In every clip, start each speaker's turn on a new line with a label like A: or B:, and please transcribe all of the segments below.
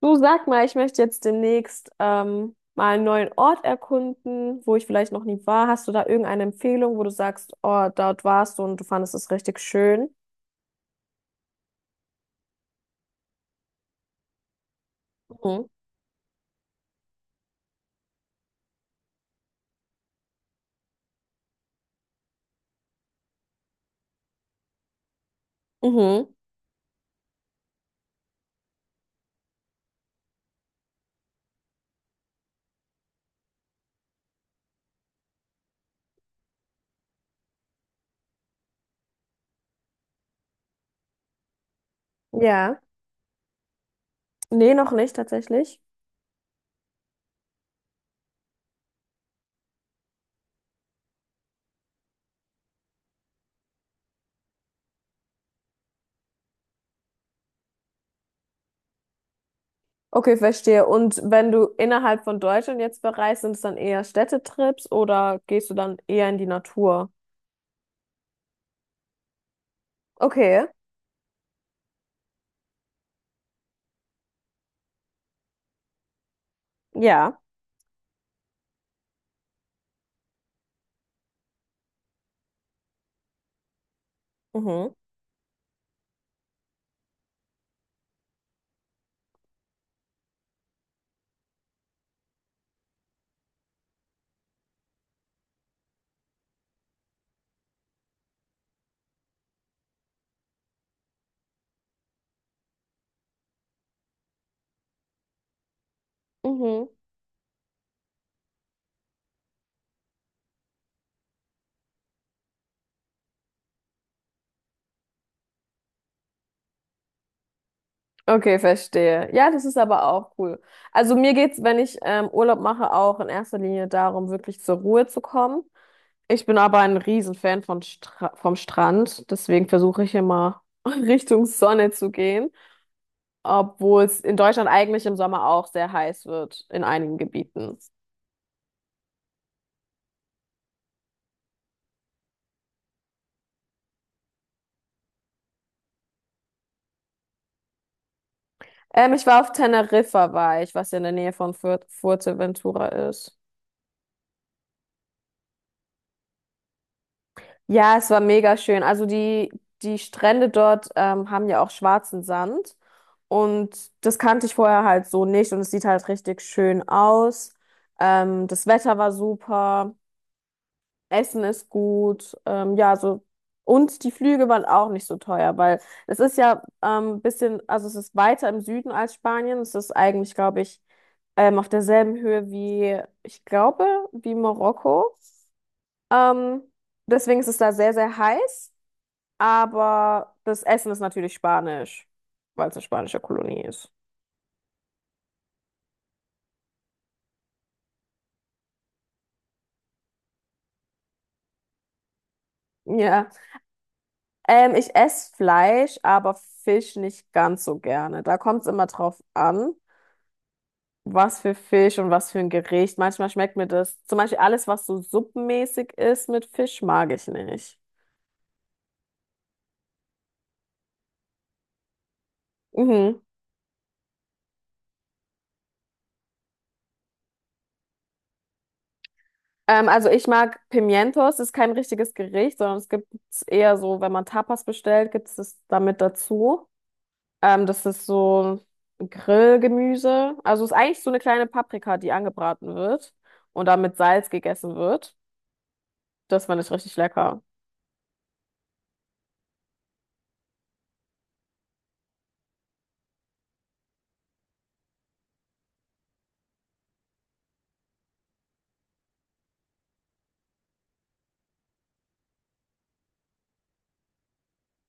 A: Du sag mal, ich möchte jetzt demnächst mal einen neuen Ort erkunden, wo ich vielleicht noch nie war. Hast du da irgendeine Empfehlung, wo du sagst, oh, dort warst du und du fandest es richtig schön? Mhm. Mhm. Ja. Nee, noch nicht tatsächlich. Okay, verstehe. Und wenn du innerhalb von Deutschland jetzt bereist, sind es dann eher Städtetrips oder gehst du dann eher in die Natur? Okay. Ja. Mhm. Mhm. Okay, verstehe. Ja, das ist aber auch cool. Also mir geht's, wenn ich Urlaub mache, auch in erster Linie darum, wirklich zur Ruhe zu kommen. Ich bin aber ein Riesenfan von Stra vom Strand, deswegen versuche ich immer Richtung Sonne zu gehen, obwohl es in Deutschland eigentlich im Sommer auch sehr heiß wird, in einigen Gebieten. Ich war auf Teneriffa, war ich, was ja in der Nähe von Fuerteventura ist. Ja, es war mega schön. Also die Strände dort haben ja auch schwarzen Sand und das kannte ich vorher halt so nicht und es sieht halt richtig schön aus. Das Wetter war super, Essen ist gut, ja, so. Und die Flüge waren auch nicht so teuer, weil es ist ja ein bisschen, also es ist weiter im Süden als Spanien. Es ist eigentlich, glaube ich, auf derselben Höhe wie, ich glaube, wie Marokko. Ähm, deswegen ist es da sehr, sehr heiß, aber das Essen ist natürlich spanisch, weil es eine spanische Kolonie ist. Ja, ich esse Fleisch, aber Fisch nicht ganz so gerne. Da kommt es immer drauf an, was für Fisch und was für ein Gericht. Manchmal schmeckt mir das, zum Beispiel alles, was so suppenmäßig ist mit Fisch, mag ich nicht. Mhm. Also ich mag Pimientos, das ist kein richtiges Gericht, sondern es gibt es eher so, wenn man Tapas bestellt, gibt es das damit dazu. Das ist so Grillgemüse. Also ist eigentlich so eine kleine Paprika, die angebraten wird und dann mit Salz gegessen wird. Das fand ich richtig lecker.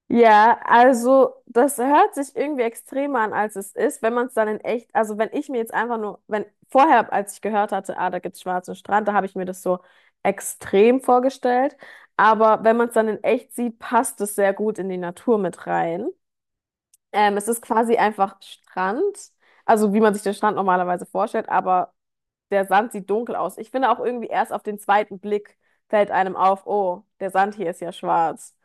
A: Ja, also das hört sich irgendwie extremer an, als es ist, wenn man es dann in echt, also wenn ich mir jetzt einfach nur, wenn vorher, als ich gehört hatte, ah, da gibt's schwarzen Strand, da habe ich mir das so extrem vorgestellt. Aber wenn man es dann in echt sieht, passt es sehr gut in die Natur mit rein. Es ist quasi einfach Strand, also wie man sich den Strand normalerweise vorstellt, aber der Sand sieht dunkel aus. Ich finde auch irgendwie erst auf den zweiten Blick fällt einem auf, oh, der Sand hier ist ja schwarz.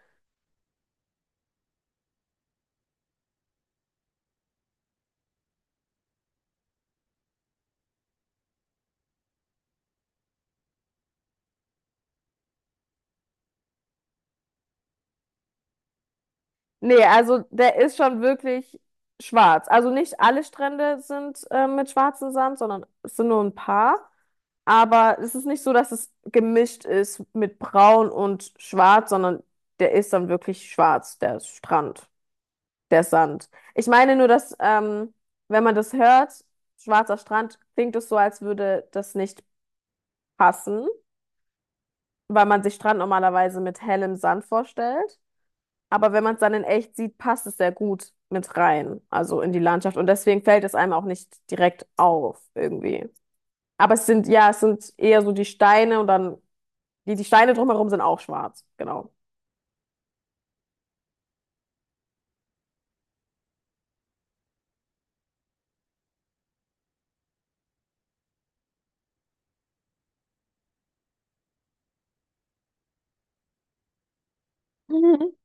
A: Nee, also der ist schon wirklich schwarz. Also nicht alle Strände sind mit schwarzem Sand, sondern es sind nur ein paar. Aber es ist nicht so, dass es gemischt ist mit braun und schwarz, sondern der ist dann wirklich schwarz, der Strand. Der Sand. Ich meine nur, dass, wenn man das hört, schwarzer Strand, klingt es so, als würde das nicht passen, weil man sich Strand normalerweise mit hellem Sand vorstellt. Aber wenn man es dann in echt sieht, passt es sehr gut mit rein, also in die Landschaft. Und deswegen fällt es einem auch nicht direkt auf, irgendwie. Aber es sind, ja, es sind eher so die Steine und dann, die Steine drumherum sind auch schwarz, genau.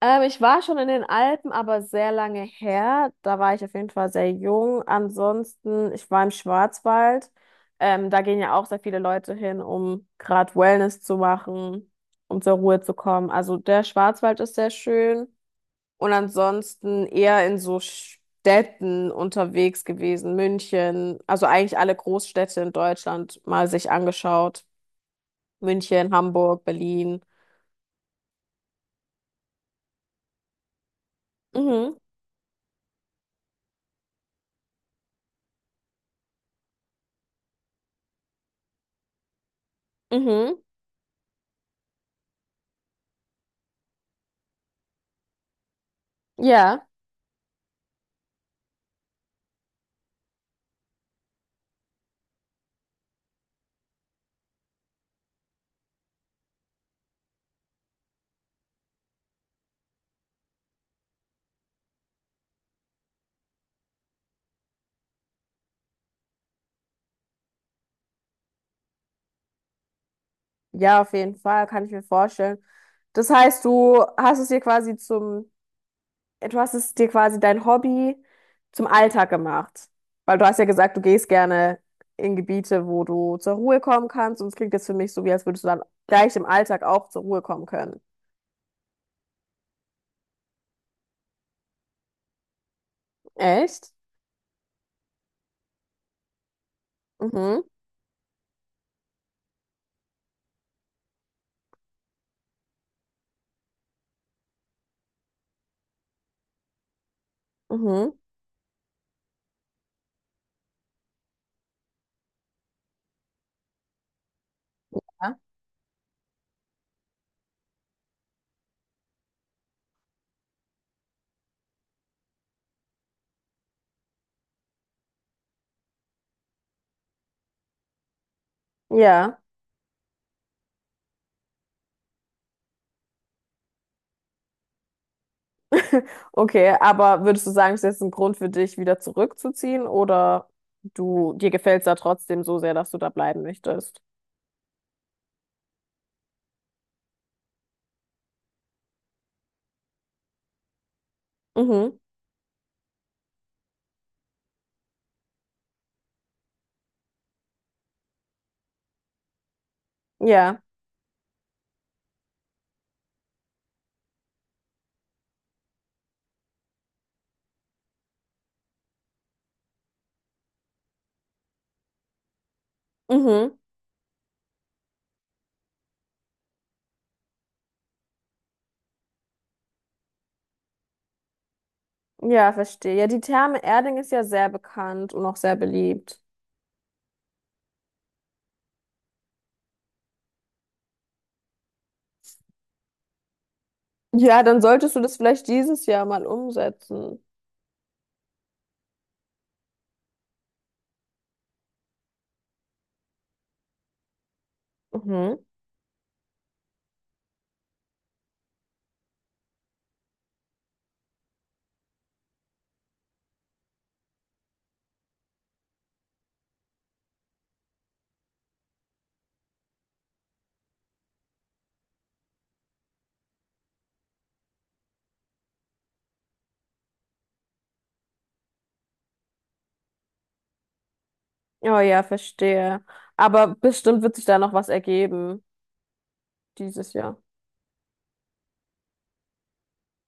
A: Ich war schon in den Alpen, aber sehr lange her. Da war ich auf jeden Fall sehr jung. Ansonsten, ich war im Schwarzwald. Da gehen ja auch sehr viele Leute hin, um gerade Wellness zu machen, um zur Ruhe zu kommen. Also der Schwarzwald ist sehr schön. Und ansonsten eher in so Städten unterwegs gewesen. München, also eigentlich alle Großstädte in Deutschland mal sich angeschaut. München, Hamburg, Berlin. Mhm, mhm, ja. Ja, auf jeden Fall, kann ich mir vorstellen. Das heißt, du hast es dir quasi zum, du hast es dir quasi dein Hobby zum Alltag gemacht. Weil du hast ja gesagt, du gehst gerne in Gebiete, wo du zur Ruhe kommen kannst. Und es klingt jetzt für mich so, wie als würdest du dann gleich im Alltag auch zur Ruhe kommen können. Echt? Mhm, mhm. Ja. Ja, okay. Aber würdest du sagen, es ist jetzt ein Grund für dich, wieder zurückzuziehen? Oder du, dir gefällt es da trotzdem so sehr, dass du da bleiben möchtest? Mhm, ja. Mhm. Ja, verstehe. Ja, die Therme Erding ist ja sehr bekannt und auch sehr beliebt. Ja, dann solltest du das vielleicht dieses Jahr mal umsetzen. Mhm. Oh ja, verstehe. Aber bestimmt wird sich da noch was ergeben dieses Jahr.